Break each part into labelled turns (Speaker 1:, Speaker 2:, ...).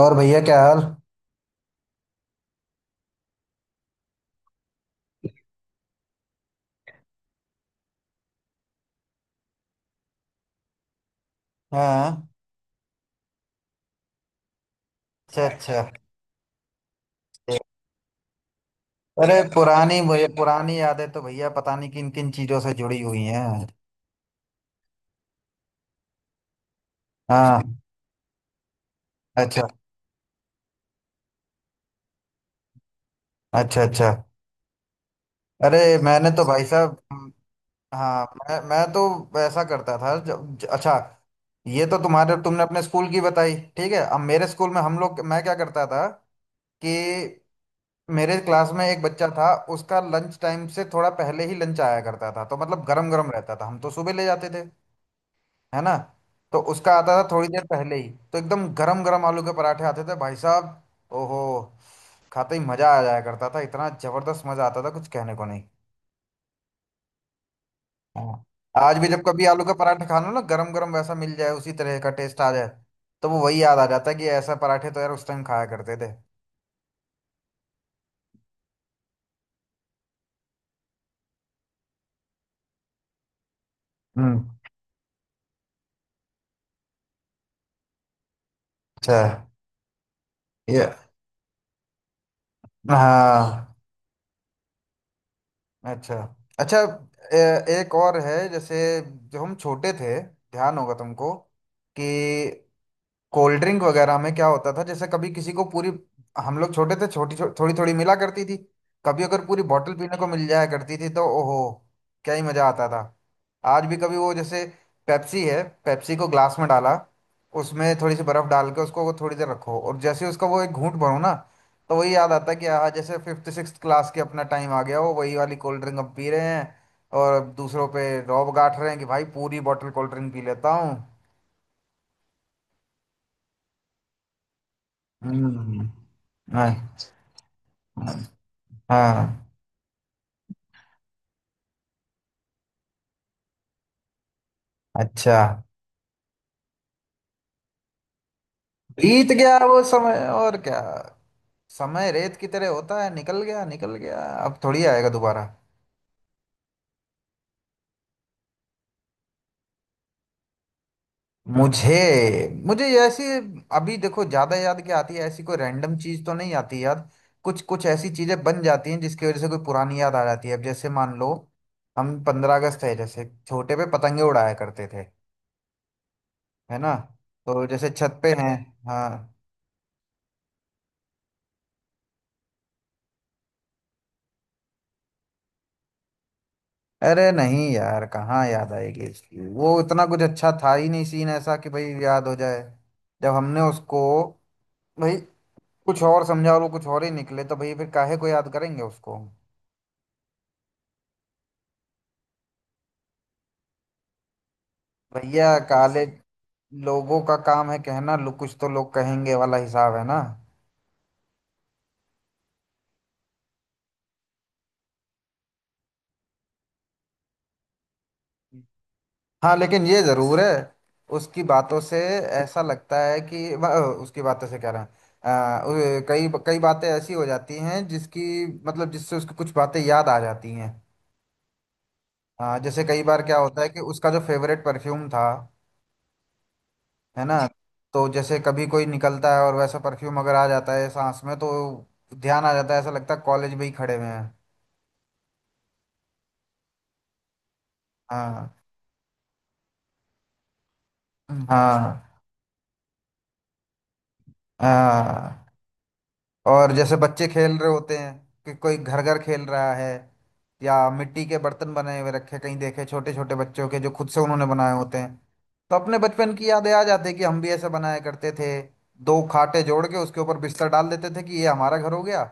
Speaker 1: और भैया, क्या हाल। हाँ। अच्छा अच्छा। अरे पुरानी यादें तो भैया, पता नहीं किन किन चीजों से जुड़ी हुई हैं। हाँ। अच्छा। अच्छा अच्छा। अरे मैंने तो भाई साहब, हाँ। मैं तो ऐसा करता था जब अच्छा, ये तो तुम्हारे तुमने अपने स्कूल की बताई। ठीक है, अब मेरे स्कूल में हम लोग, मैं क्या करता था कि मेरे क्लास में एक बच्चा था। उसका लंच टाइम से थोड़ा पहले ही लंच आया करता था, तो मतलब गरम गरम रहता था। हम तो सुबह ले जाते थे, है ना। तो उसका आता था थोड़ी देर पहले ही, तो एकदम गरम गरम आलू के पराठे आते थे भाई साहब। ओहो, खाते ही मजा आ जाया करता था। इतना जबरदस्त मजा आता था, कुछ कहने को नहीं। हाँ। आज भी जब कभी आलू का पराठा खा लो ना गरम गरम, वैसा मिल जाए, उसी तरह का टेस्ट आ जाए, तो वो वही याद आ जाता है कि ऐसा पराठे तो यार उस टाइम खाया करते थे। हम्म। अच्छा। ये, हाँ। अच्छा अच्छा। ए, एक और है। जैसे जब हम छोटे थे, ध्यान होगा तुमको, कि कोल्ड ड्रिंक वगैरह में क्या होता था। जैसे कभी किसी को पूरी, हम लोग छोटे थे, थोड़ी थोड़ी मिला करती थी। कभी अगर पूरी बोतल पीने को मिल जाया करती थी, तो ओहो, क्या ही मजा आता था। आज भी कभी वो, जैसे पेप्सी है, पेप्सी को ग्लास में डाला, उसमें थोड़ी सी बर्फ डाल के उसको वो थोड़ी देर रखो, और जैसे ही उसका वो एक घूंट भरो ना, तो वही याद आता है कि हाँ, जैसे फिफ्थ सिक्स क्लास के अपना टाइम आ गया, वो वही वाली कोल्ड ड्रिंक अब पी रहे हैं, और दूसरों पे रौब गांठ रहे हैं कि भाई, पूरी बोतल कोल्ड ड्रिंक पी लेता हूँ। हम्म। हाँ। हाँ। अच्छा। बीत गया वो समय, और क्या। समय रेत की तरह होता है, निकल गया निकल गया, अब थोड़ी आएगा दोबारा। मुझे मुझे ऐसी, अभी देखो ज्यादा याद क्या आती है, ऐसी कोई रैंडम चीज तो नहीं आती याद। कुछ कुछ ऐसी चीजें बन जाती हैं जिसकी वजह से कोई पुरानी याद आ जाती है। अब जैसे मान लो, हम 15 अगस्त है जैसे छोटे पे पतंगे उड़ाया करते थे, है ना। तो जैसे छत पे हैं। हाँ। अरे नहीं यार, कहाँ याद आएगी इसकी, वो इतना कुछ अच्छा था ही नहीं सीन ऐसा कि भाई याद हो जाए। जब हमने उसको भाई कुछ और समझा, और वो कुछ और ही निकले, तो भाई फिर काहे को याद करेंगे उसको। भैया काले लोगों का काम है कहना, लो कुछ तो लोग कहेंगे वाला हिसाब है ना। हाँ, लेकिन ये जरूर है, उसकी बातों से ऐसा लगता है कि उसकी बातों से कह रहे हैं, कई कई बातें ऐसी हो जाती हैं जिसकी मतलब जिससे उसको कुछ बातें याद आ जाती हैं। हाँ, जैसे कई बार क्या होता है कि उसका जो फेवरेट परफ्यूम था, है ना, तो जैसे कभी कोई निकलता है और वैसा परफ्यूम अगर आ जाता है सांस में, तो ध्यान आ जाता है, ऐसा लगता है कॉलेज में ही खड़े हुए हैं। हाँ। हाँ। हाँ। और जैसे बच्चे खेल रहे होते हैं, कि कोई घर घर खेल रहा है, या मिट्टी के बर्तन बनाए हुए रखे कहीं देखे, छोटे छोटे बच्चों के जो खुद से उन्होंने बनाए होते हैं, तो अपने बचपन की यादें आ जाती है कि हम भी ऐसे बनाया करते थे। दो खाटे जोड़ के उसके ऊपर बिस्तर डाल देते थे कि ये हमारा घर हो गया,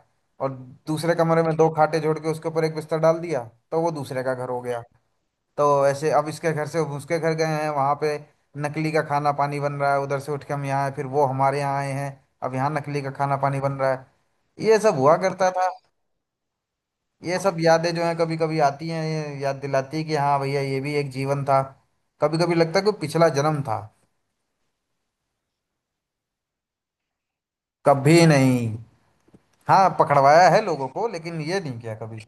Speaker 1: और दूसरे कमरे में दो खाटे जोड़ के उसके ऊपर एक बिस्तर डाल दिया, तो वो दूसरे का घर हो गया। तो ऐसे अब इसके घर से उसके घर गए हैं, वहाँ पे नकली का खाना पानी बन रहा है, उधर से उठ के हम यहाँ आए, फिर वो हमारे यहाँ आए हैं, अब यहाँ नकली का खाना पानी बन रहा है। ये सब हुआ करता था। ये सब यादें जो हैं कभी कभी आती हैं, ये याद दिलाती है कि हाँ भैया, ये भी एक जीवन था। कभी कभी लगता है कि पिछला जन्म था। कभी नहीं। हाँ, पकड़वाया है लोगों को, लेकिन ये नहीं किया कभी।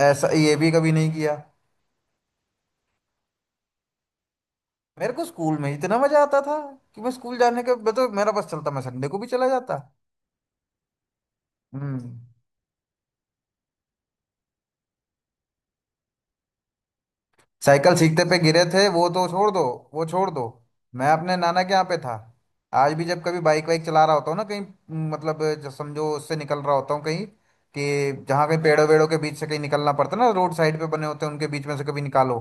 Speaker 1: ऐसा ये भी कभी नहीं किया। मेरे को स्कूल में इतना मजा आता था कि मैं स्कूल जाने के, मतलब मेरा बस चलता, मैं संडे को भी चला जाता। हम्म। साइकिल सीखते पे गिरे थे, वो तो छोड़ दो, वो छोड़ दो। मैं अपने नाना के यहाँ पे था। आज भी जब कभी बाइक वाइक चला रहा होता हूँ ना कहीं, मतलब जो समझो उससे निकल रहा होता हूँ कहीं, कि जहाँ कहीं पेड़ों वेड़ों के बीच से कहीं निकलना पड़ता है ना, रोड साइड पे बने होते हैं, उनके बीच में से कभी निकालो,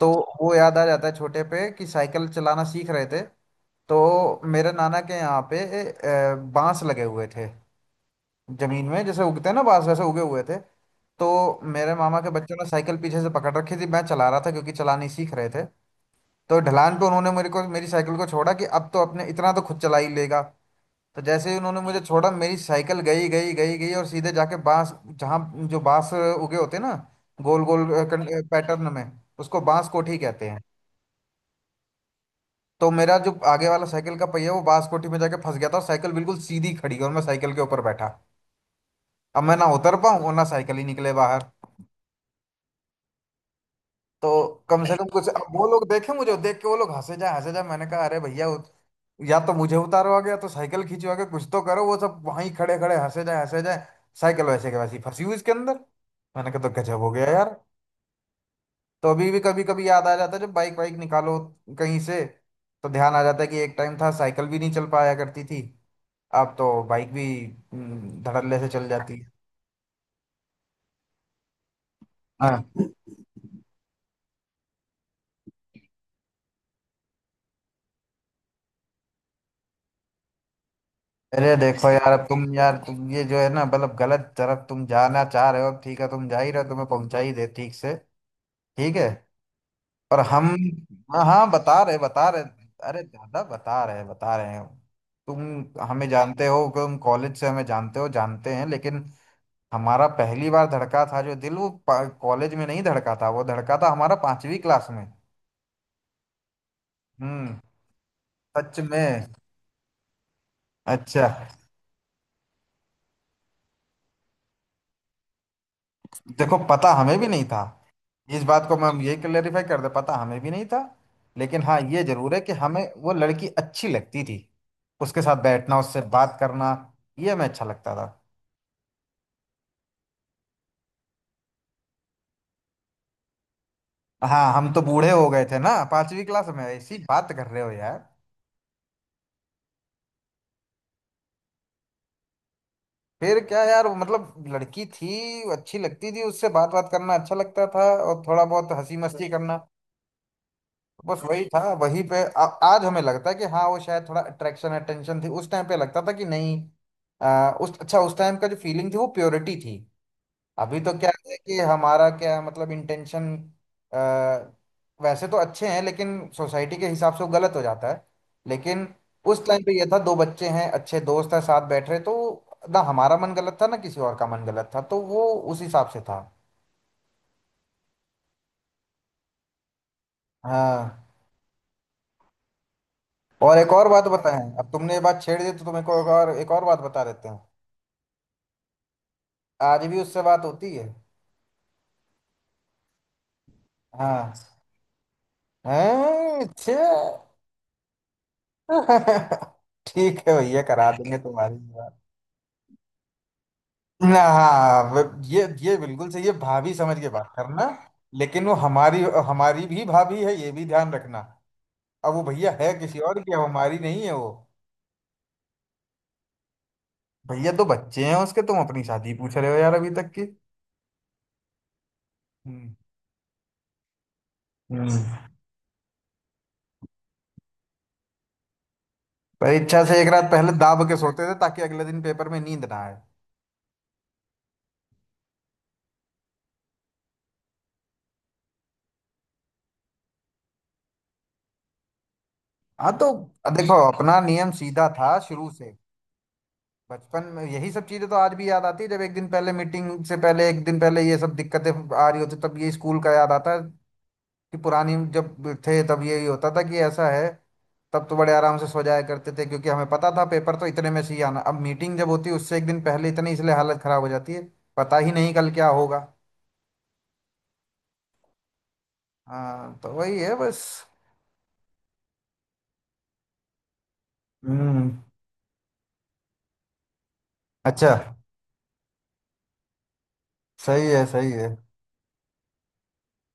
Speaker 1: तो वो याद आ जाता है छोटे पे, कि साइकिल चलाना सीख रहे थे तो मेरे नाना के यहाँ पे बांस लगे हुए थे। जमीन में जैसे उगते हैं ना बांस, वैसे उगे हुए थे। तो मेरे मामा के बच्चों ने साइकिल पीछे से पकड़ रखी थी, मैं चला रहा था क्योंकि चलानी सीख रहे थे। तो ढलान पे उन्होंने मेरे को, मेरी साइकिल को छोड़ा कि अब तो अपने इतना तो खुद चला ही लेगा। तो जैसे ही उन्होंने मुझे छोड़ा, मेरी साइकिल गई गई गई गई और सीधे जाके बांस, जहाँ जो बांस उगे होते हैं ना, गोल गोल पैटर्न में, उसको बांस कोठी कहते हैं। तो मेरा जो आगे वाला साइकिल का पहिया, वो बांस कोठी में जाके फंस गया था, और साइकिल बिल्कुल सीधी खड़ी, और मैं साइकिल के ऊपर बैठा। अब मैं ना उतर पाऊँ और ना साइकिल ही निकले बाहर। तो कम से कम कुछ, अब वो लोग देखे, मुझे देख के वो लोग हंसे जा हंसे जा। मैंने कहा अरे भैया, या तो मुझे उतारो आगे, या तो साइकिल खींचो आगे, कुछ तो करो। वो सब वहीं खड़े खड़े हंसे जाए हंसे जाए, साइकिल वैसे के वैसी फंसी हुई इसके अंदर। मैंने कहा तो गजब हो गया यार। तो अभी भी कभी कभी याद आ जाता है जब बाइक वाइक निकालो कहीं से, तो ध्यान आ जाता है कि एक टाइम था साइकिल भी नहीं चल पाया करती थी, अब तो बाइक भी धड़ल्ले से चल जाती है। अरे देखो यार, अब तुम यार, तुम ये जो है ना, मतलब गलत तरफ तुम जाना चाह रहे हो, अब ठीक है तुम जा ही रहे हो, तुम्हें पहुंचा ही दे ठीक से। ठीक है, और हम, हाँ हाँ बता रहे बता रहे। अरे दादा, बता रहे हैं। तुम हमें जानते हो कि तुम कॉलेज से हमें जानते हो, जानते हैं, लेकिन हमारा पहली बार धड़का था जो दिल, वो कॉलेज में नहीं धड़का था, वो धड़का था हमारा 5वीं क्लास में। हम्म। सच में। अच्छा, देखो पता हमें भी नहीं था, इस बात को मैं, हम यही क्लेरिफाई कर दे, पता हमें भी नहीं था। लेकिन हाँ ये जरूर है कि हमें वो लड़की अच्छी लगती थी, उसके साथ बैठना, उससे बात करना, ये हमें अच्छा लगता था। हाँ, हम तो बूढ़े हो गए थे ना, 5वीं क्लास में ऐसी बात कर रहे हो यार। फिर क्या यार, वो मतलब लड़की थी, वो अच्छी लगती थी, उससे बात बात करना अच्छा लगता था, और थोड़ा बहुत हंसी मस्ती करना, बस वही था। वही पे आज हमें लगता है कि हाँ, वो शायद थोड़ा अट्रैक्शन अटेंशन थी उस टाइम पे, लगता था कि नहीं, आ, उस अच्छा, उस टाइम का जो फीलिंग थी वो प्योरिटी थी। अभी तो क्या है कि हमारा क्या है, मतलब इंटेंशन वैसे तो अच्छे हैं, लेकिन सोसाइटी के हिसाब से वो गलत हो जाता है, लेकिन उस टाइम पे ये था, दो बच्चे हैं, अच्छे दोस्त हैं, साथ बैठ रहे तो, ना हमारा मन गलत था, ना किसी और का मन गलत था, तो वो उस हिसाब से था। हाँ। और एक और बात बताएं, अब तुमने ये बात छेड़ दी तो तुम्हें को एक और बात बता देते हैं। आज भी उससे बात होती है। हाँ। हैं, छे। ठीक है भैया, करा देंगे तुम्हारी बात। ना हाँ ये बिल्कुल सही है, भाभी समझ के बात करना, लेकिन वो हमारी, हमारी भी भाभी है, ये भी ध्यान रखना। अब वो भैया है किसी और की, अब हमारी नहीं है वो। भैया तो बच्चे हैं उसके, तुम अपनी शादी पूछ रहे हो यार अभी तक की। हम्म। हम्म। परीक्षा से एक रात पहले दाब के सोते थे ताकि अगले दिन पेपर में नींद ना आए। हाँ तो देखो, अपना नियम सीधा था शुरू से। बचपन में यही सब चीजें तो आज भी याद आती है, जब एक दिन पहले मीटिंग से पहले एक दिन पहले ये सब दिक्कतें आ रही होती, तब ये स्कूल का याद आता है, कि पुरानी जब थे तब यही होता था, कि ऐसा है, तब तो बड़े आराम से सो जाया करते थे क्योंकि हमें पता था पेपर तो इतने में से ही आना। अब मीटिंग जब होती है उससे एक दिन पहले इतनी इसलिए हालत खराब हो जाती है, पता ही नहीं कल क्या होगा। हाँ, तो वही है बस। हम्म। अच्छा। सही है, सही है।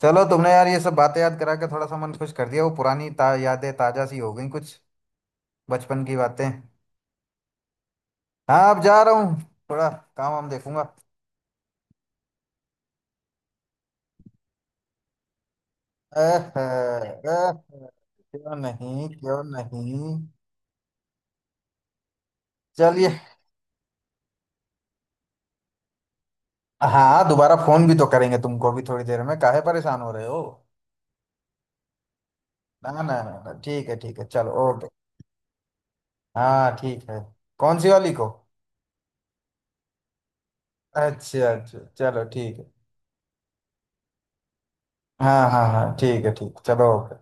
Speaker 1: चलो, तुमने यार ये सब बातें याद करा के थोड़ा सा मन खुश कर दिया, वो पुरानी यादें ताजा सी हो गई कुछ, बचपन की बातें। हाँ, अब जा रहा हूँ, थोड़ा काम वाम देखूंगा। अह, अह, क्यों नहीं, क्यों नहीं। चलिए। हाँ, दोबारा फोन भी तो करेंगे तुमको भी थोड़ी देर में, काहे परेशान हो रहे हो। ना ना ना ना, ठीक है ठीक है, चलो ओके। हाँ ठीक है। कौन सी वाली को। अच्छा अच्छा, चलो ठीक है। हाँ हाँ हाँ ठीक है, ठीक, चलो ओके।